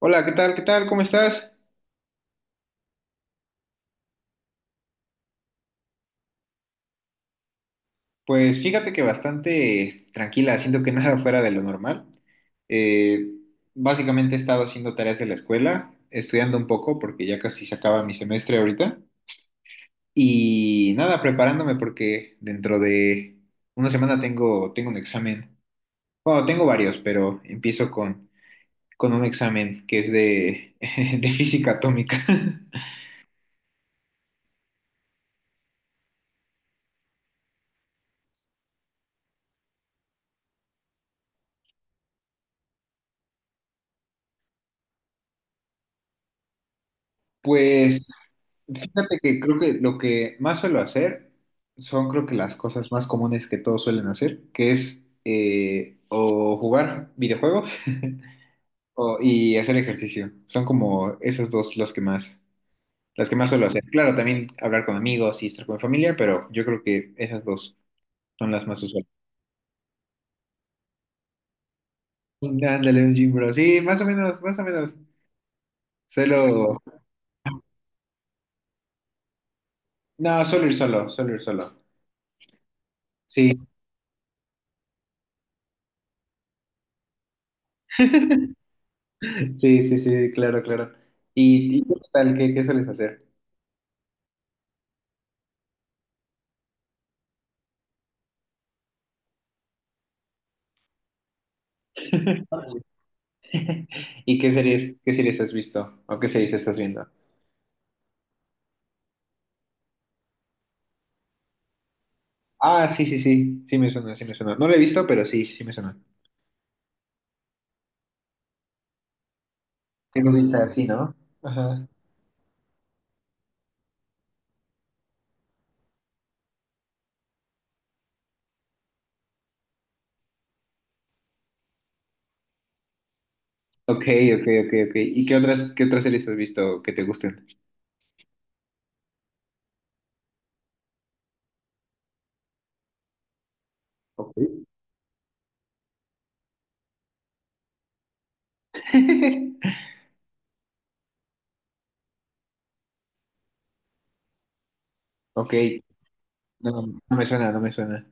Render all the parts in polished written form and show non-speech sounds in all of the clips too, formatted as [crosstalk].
Hola, ¿qué tal? ¿Qué tal? ¿Cómo estás? Pues fíjate que bastante tranquila, siento que [laughs] nada fuera de lo normal. Eh, Básicamente he estado haciendo tareas de la escuela, estudiando un poco porque ya casi se acaba mi semestre ahorita. Y nada, preparándome porque dentro de una semana tengo un examen. Bueno, tengo varios, pero con un examen que es [laughs] de física atómica. [laughs] Pues fíjate que creo que lo que más suelo hacer son creo que las cosas más comunes que todos suelen hacer, que es o jugar videojuegos y hacer ejercicio. Son como esas dos las que más suelo hacer. Claro, también hablar con amigos y estar con mi familia, pero yo creo que esas dos son las más usuales. Ándale, un gym bro. Sí, más o menos, más o menos. Suelo, no, suelo ir solo, suelo ir solo. Sí, sí, sí, sí, claro, claro. Y qué tal? ¿Qué, qué sueles hacer? [laughs] ¿Y qué series has visto? ¿O qué series estás viendo? Ah, sí, sí, sí, sí me suena, sí me suena. No lo he visto, pero sí, sí me suena. Sí lo viste así, ¿no? Ajá. Ok, ok, ok, ok. ¿Y qué otras series has visto que te gusten? Ok. [laughs] Ok, no, no me suena, no me suena.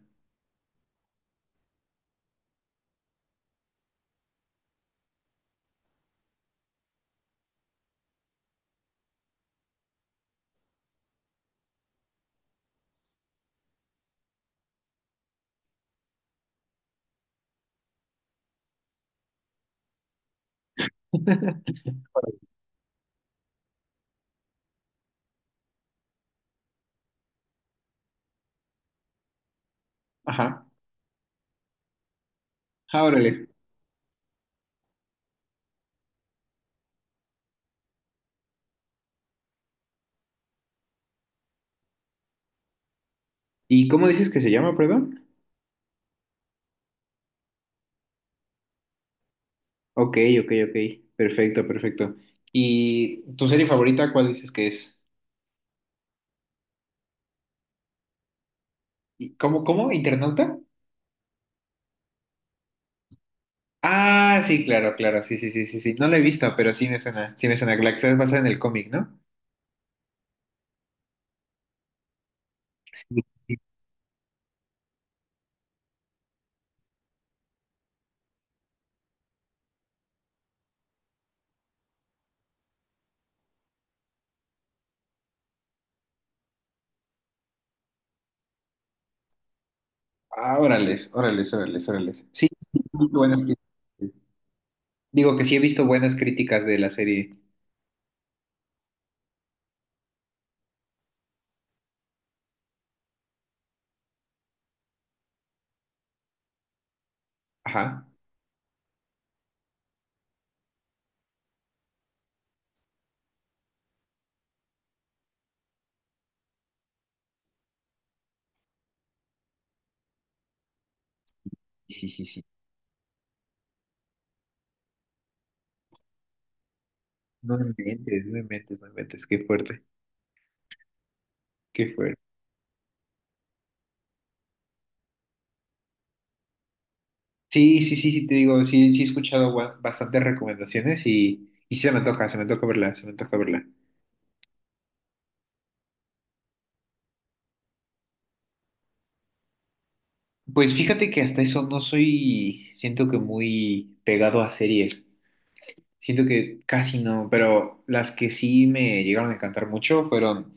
[laughs] Ajá. Ah, órale. ¿Y cómo dices que se llama, perdón? Ok, ok, ok. Perfecto, perfecto. ¿Y tu serie favorita, cuál dices que es? ¿Y cómo, cómo? ¿Internauta? Ah, sí, claro, claro. Sí, sí, sí, sí, sí. No la he visto, pero sí me suena. Sí me suena. La que está basada en el cómic, ¿no? Sí, sí. Ah, órales, órales, órales, órales. Sí, sí, sí, he visto buenas críticas. Digo que sí he visto buenas críticas de la serie. Ajá. Sí, sí, sí. No me inventes, no me inventes, no me inventes. Qué fuerte, qué fuerte. Sí, sí, sí, sí, te digo, sí, sí he escuchado bastantes recomendaciones y sí se me antoja verla, se me antoja verla. Pues fíjate que hasta eso no soy, siento que muy pegado a series. Siento que casi no, pero las que sí me llegaron a encantar mucho fueron,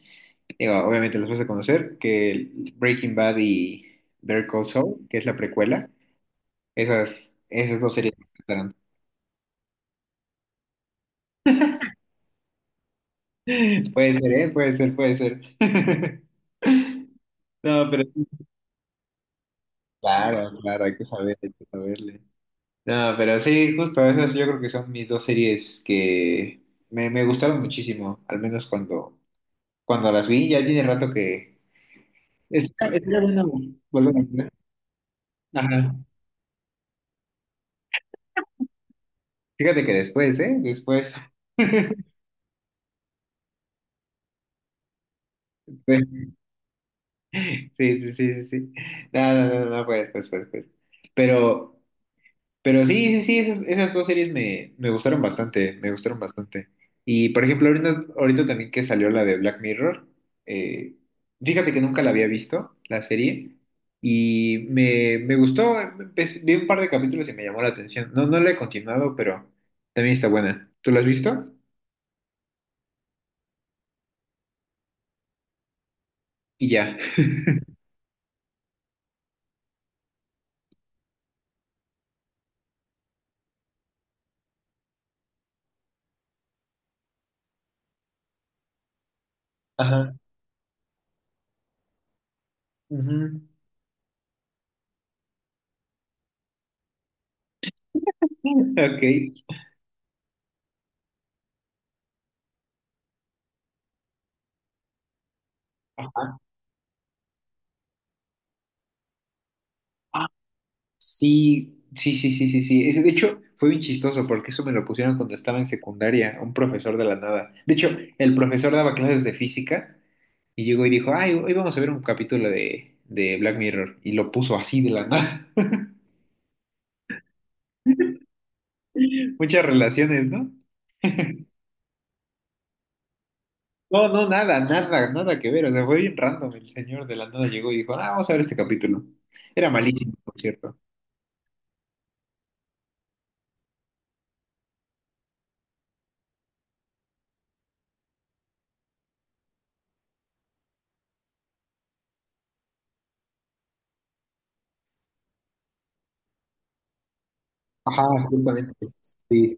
digo, obviamente las vas a conocer, que Breaking Bad y Better Call Saul, que es la precuela, esas, esas dos series me encantaron. [laughs] Puede ser, ¿eh? Puede ser, puede ser. [laughs] No, pero claro, claro, hay que saber, hay que saberle. No, pero sí, justo esas yo creo que son mis dos series que me gustaron muchísimo, al menos cuando las vi, ya tiene rato que... está bueno volver a verla. Ajá. Fíjate que después, ¿eh? Después. [laughs] Sí, sí, sí, sí, sí. No, no, no, no, pues, pues, pues, pues. Pero... Pero sí, sí, sí, esas, esas dos series me gustaron bastante, me gustaron bastante. Y por ejemplo, ahorita, ahorita también que salió la de Black Mirror, eh, fíjate que nunca la había visto, la serie, y me gustó, vi un par de capítulos y me llamó la atención. No, no la he continuado, pero también está buena. ¿Tú la has visto? Y ya. Ajá. Ujú. [laughs] Ok. Sí, sí, sí, sí, sí, sí. Ese, de hecho, fue bien chistoso porque eso me lo pusieron cuando estaba en secundaria, un profesor de la nada. De hecho, el profesor daba clases de física y llegó y dijo, ay, hoy vamos a ver un capítulo de Black Mirror. Y lo puso así de la nada. [laughs] Muchas relaciones, ¿no? No, no, nada, nada, nada que ver. O sea, fue bien random. El señor de la nada llegó y dijo, ah, vamos a ver este capítulo. Era malísimo, por cierto. Ajá, justamente. Sí.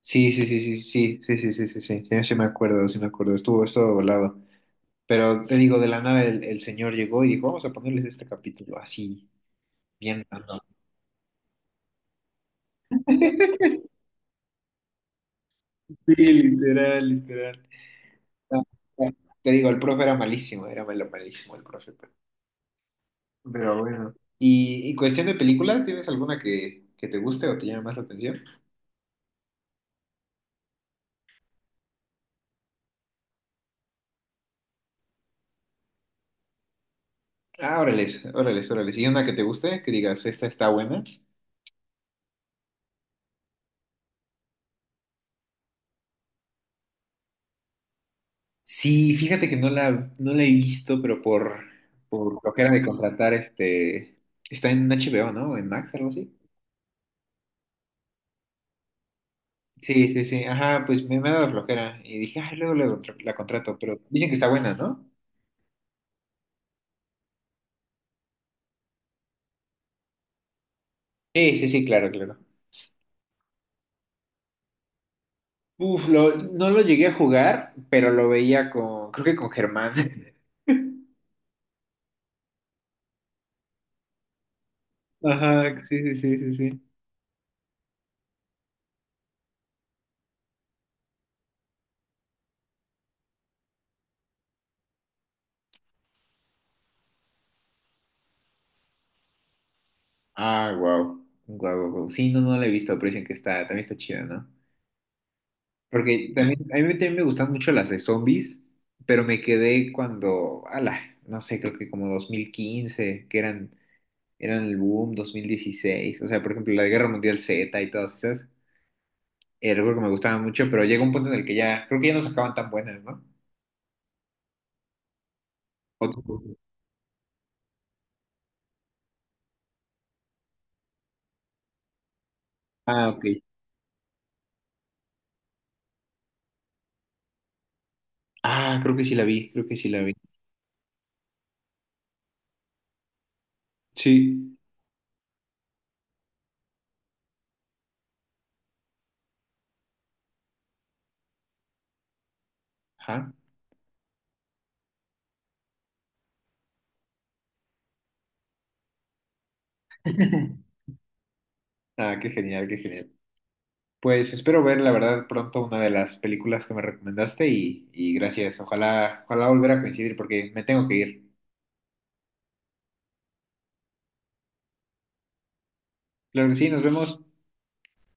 Sí, sí, sí, sí, sí, sí, sí, sí, sí, sí, sí, sí me acuerdo, estuvo, estuvo volado. Pero te digo, de la nada el señor llegó y dijo, vamos a ponerles este capítulo así, bien random. [laughs] Sí, literal, literal. Ah, ah, te digo, el profe era malísimo, era malo, malísimo el profe. Pero bueno. Y cuestión de películas? ¿Tienes alguna que te guste o te llame más la atención? Ah, órales, órales, órales. ¿Y una que te guste? Que digas, esta está buena. Sí, fíjate que no la, no la he visto, por flojera de contratar, este, está en HBO, ¿no? En Max, algo así. Sí, sí, sí. Ajá, pues me ha dado flojera. Y dije, ay, luego la contrato, pero dicen que está buena, ¿no? Sí, sí, sí, claro, claro. Uf, no lo llegué a jugar, pero lo veía con, creo que con Germán. [laughs] Ajá, sí, sí, sí, sí, sí. Ah, wow. Guau, guau, guau. Sí, no, no la he visto, pero dicen que está, también está chida, ¿no? Porque también, a mí también me gustan mucho las de zombies, pero me quedé cuando, ala, no sé, creo que como 2015, que eran el boom 2016, o sea, por ejemplo, la de Guerra Mundial Z y todas esas, era algo que me gustaban mucho, pero llega un punto en el que ya, creo que ya no sacaban tan buenas, ¿no? O ah, ok. Ah, creo que sí la vi, creo que sí la vi. Sí. Ajá. [laughs] Ah, qué genial, qué genial. Pues espero ver, la verdad, pronto una de las películas que me recomendaste y gracias. Ojalá, ojalá volver a coincidir porque me tengo que ir. Claro que sí, nos vemos.